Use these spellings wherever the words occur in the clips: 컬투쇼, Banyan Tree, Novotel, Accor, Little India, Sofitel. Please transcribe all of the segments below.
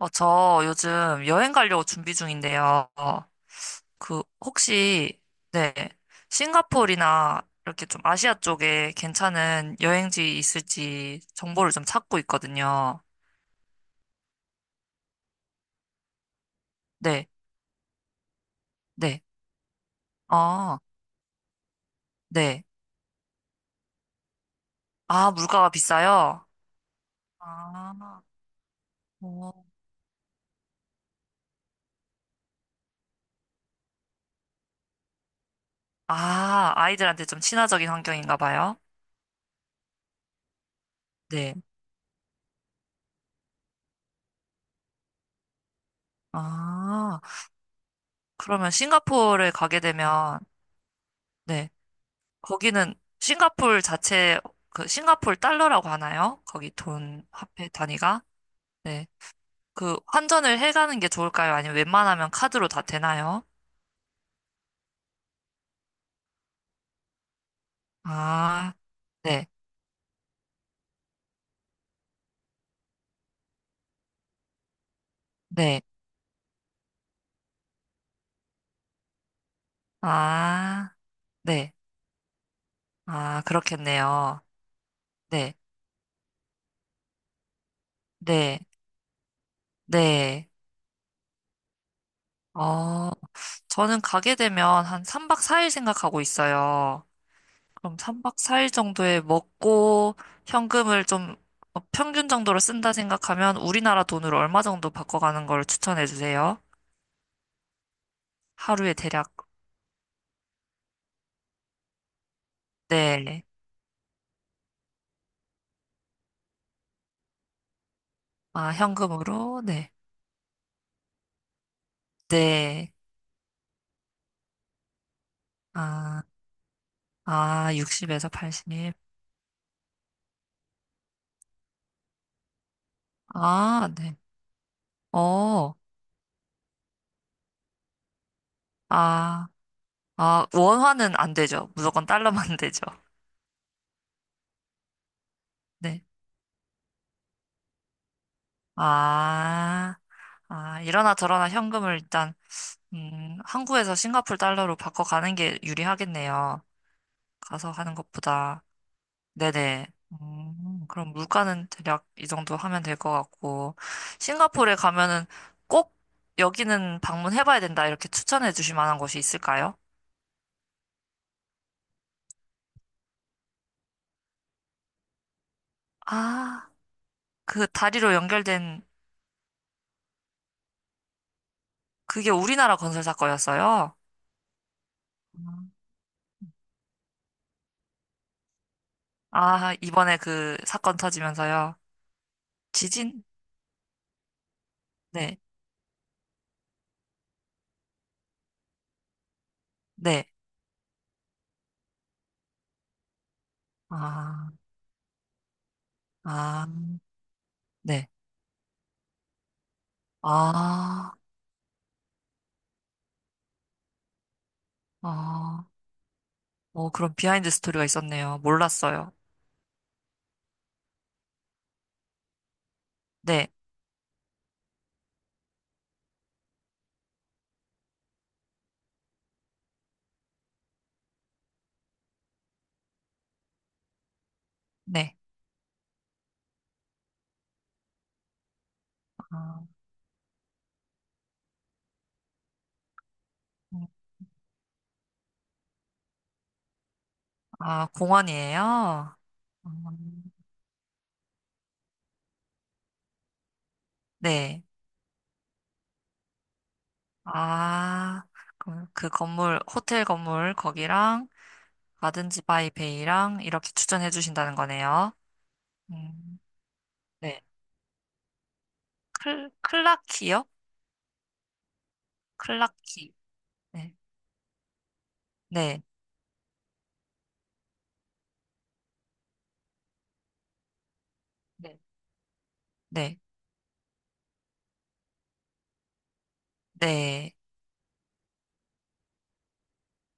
어, 저 요즘 여행 가려고 준비 중인데요. 어, 그, 혹시, 네, 싱가포르나 이렇게 좀 아시아 쪽에 괜찮은 여행지 있을지 정보를 좀 찾고 있거든요. 네, 네, 아, 네. 아, 물가가 비싸요? 아, 어. 아, 아이들한테 좀 친화적인 환경인가 봐요. 네. 아, 그러면 싱가포르에 가게 되면, 네. 거기는 싱가폴 자체 그 싱가폴 달러라고 하나요? 거기 돈 화폐 단위가? 네. 그 환전을 해가는 게 좋을까요? 아니면 웬만하면 카드로 다 되나요? 아, 네. 네. 아, 네. 아, 그렇겠네요. 네. 네. 네. 어, 저는 가게 되면 한 3박 4일 생각하고 있어요. 그럼 3박 4일 정도에 먹고 현금을 좀 어, 평균 정도로 쓴다 생각하면 우리나라 돈으로 얼마 정도 바꿔가는 걸 추천해 주세요. 하루에 대략, 네. 아, 현금으로? 네. 네. 아, 아, 60에서 80. 아, 네. 어, 아, 아, 원화는 안 되죠. 무조건 달러만 되죠. 네. 아, 아, 이러나 저러나 현금을 일단, 한국에서 싱가포르 달러로 바꿔가는 게 유리하겠네요. 가서 하는 것보다. 네네. 그럼 물가는 대략 이 정도 하면 될 것 같고, 싱가포르에 가면은 꼭 여기는 방문해봐야 된다, 이렇게 추천해 주실 만한 곳이 있을까요? 아, 그 다리로 연결된, 그게 우리나라 건설 사건이었어요? 음. 아, 이번에 그 사건 터지면서요. 지진? 네, 네. 아, 아, 네. 아, 아, 어, 그런 비하인드 스토리가 있었네요. 몰랐어요. 네, 네. 아, 아, 공원이에요? 음, 네. 아, 그럼 그 건물, 호텔 건물, 거기랑, 가든지 바이 베이랑, 이렇게 추천해 주신다는 거네요. 음, 네. 클라키요? 클라키. 네. 네. 네. 네. 네.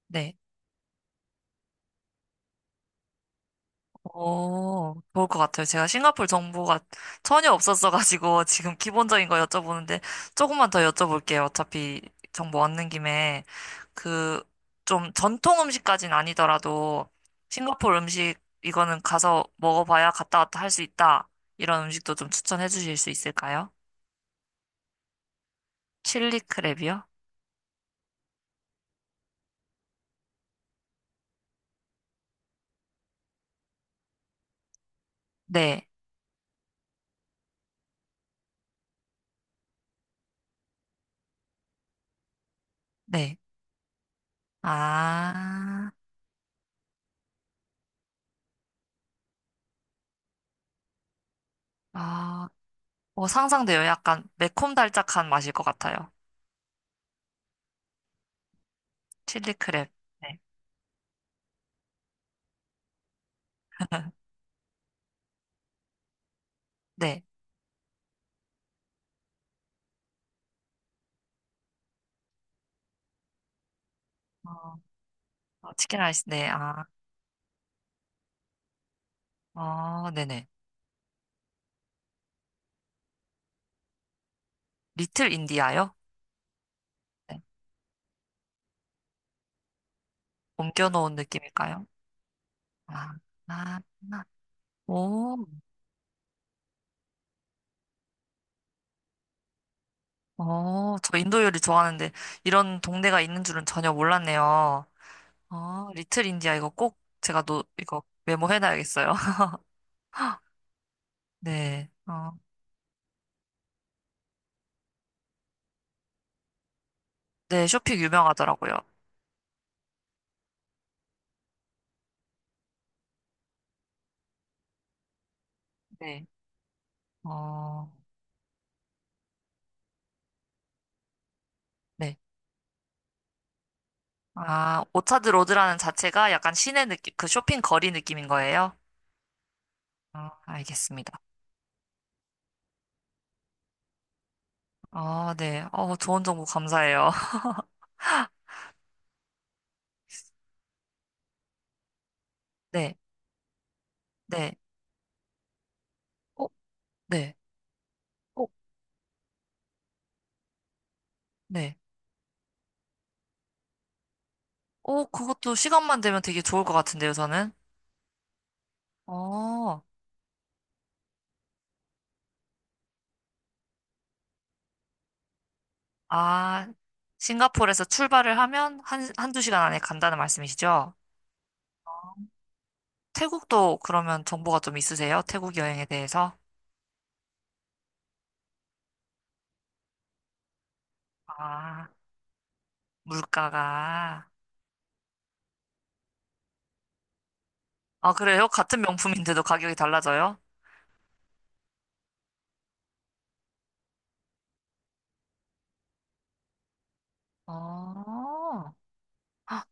네. 어, 좋을 것 같아요. 제가 싱가포르 정보가 전혀 없었어가지고 지금 기본적인 거 여쭤보는데 조금만 더 여쭤볼게요. 어차피 정보 얻는 김에 그 좀 전통 음식까지는 아니더라도 싱가포르 음식 이거는 가서 먹어봐야 갔다 왔다 할 수 있다. 이런 음식도 좀 추천해 주실 수 있을까요? 칠리 크랩이요? 네, 네. 아, 아, 어, 상상돼요. 약간 매콤달짝한 맛일 것 같아요. 칠리 크랩. 네. 네. 어, 어, 치킨 라이스, 네, 아, 어, 네네. 리틀 인디아요? 네. 옮겨놓은 느낌일까요? 아, 아, 아. 오, 어, 저 인도 요리 좋아하는데 이런 동네가 있는 줄은 전혀 몰랐네요. 어, 리틀 인디아 이거 꼭 제가 이거 메모해놔야겠어요. 네, 어, 네, 쇼핑 유명하더라고요. 네, 어, 네. 아, 오차드 로드라는 자체가 약간 시내 느낌, 그 쇼핑 거리 느낌인 거예요? 아, 알겠습니다. 아, 네. 어, 좋은 정보 감사해요. 네, 네. 어, 네. 어, 네. 어, 그것도 시간만 되면 되게 좋을 것 같은데요, 저는. 어, 아, 싱가포르에서 출발을 하면 한두 시간 안에 간다는 말씀이시죠? 태국도 그러면 정보가 좀 있으세요? 태국 여행에 대해서? 아, 물가가. 아, 그래요? 같은 명품인데도 가격이 달라져요? 어,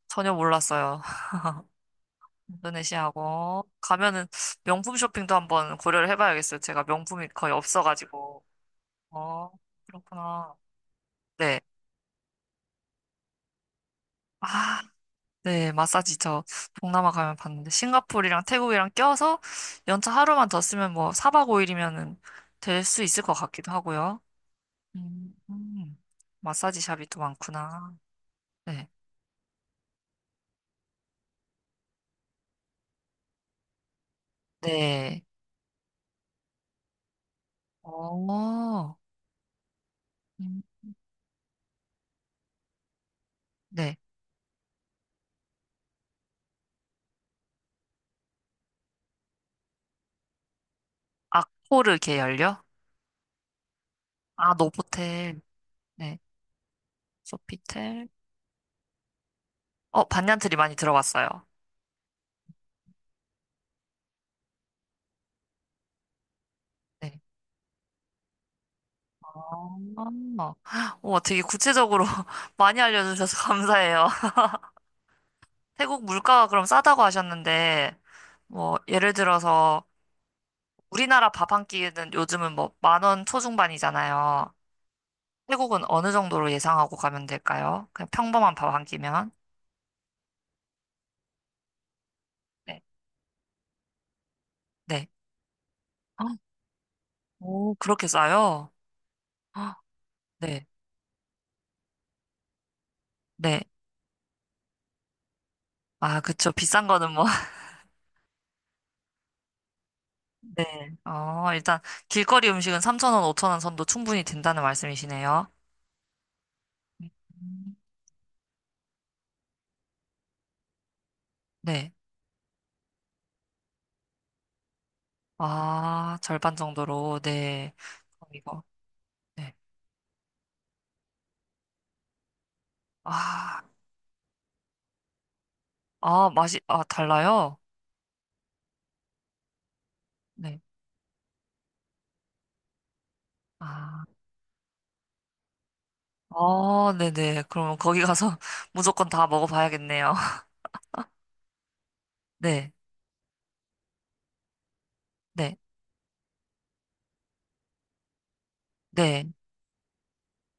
전혀 몰랐어요. 인도네시아고 가면은 명품 쇼핑도 한번 고려를 해봐야겠어요. 제가 명품이 거의 없어가지고. 어, 그렇구나. 네. 아, 네. 마사지 저 동남아 가면 봤는데 싱가포르랑 태국이랑 껴서 연차 하루만 더 쓰면 뭐 4박 5일이면은 될 수 있을 것 같기도 하고요. 음, 음. 마사지 샵이 또 많구나. 네. 네. 어. 음, 네. 아코르 계열요? 아, 노보텔. 네. 소피텔. 어, 반년트리 많이 들어봤어요. 네. 어, 우와, 되게 구체적으로 많이 알려주셔서 감사해요. 태국 물가가 그럼 싸다고 하셨는데, 뭐, 예를 들어서 우리나라 밥 한 끼는 요즘은 뭐 10,000원 초중반이잖아요. 태국은 어느 정도로 예상하고 가면 될까요? 그냥 평범한 밥 한 끼면? 네. 네. 헉, 오, 그렇게 싸요? 헉, 네. 네. 아, 그쵸. 비싼 거는 뭐. 네. 어, 일단 길거리 음식은 3,000원, 5,000원 선도 충분히 된다는 말씀이시네요. 음. 네. 아, 절반 정도로. 네. 그럼 이거. 네. 아, 아, 맛이, 아, 달라요? 네. 아, 어, 네네. 그러면 거기 가서 무조건 다 먹어봐야겠네요. 네. 네. 네.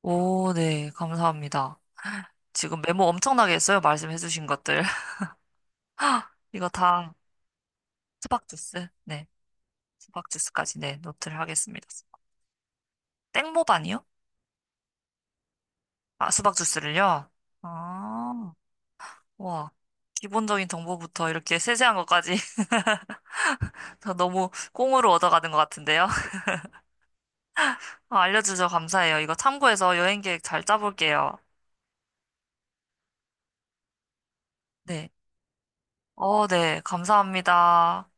오, 네. 감사합니다. 지금 메모 엄청나게 했어요. 말씀해주신 것들. 이거 다 수박 주스. 네. 수박 주스까지, 네. 노트를 하겠습니다. 땡모반이요? 아, 수박 주스를요? 아, 와. 기본적인 정보부터 이렇게 세세한 것까지 다 너무 꽁으로 얻어가는 것 같은데요. 아, 알려주셔서 감사해요. 이거 참고해서 여행 계획 잘 짜볼게요. 네. 어, 네. 감사합니다.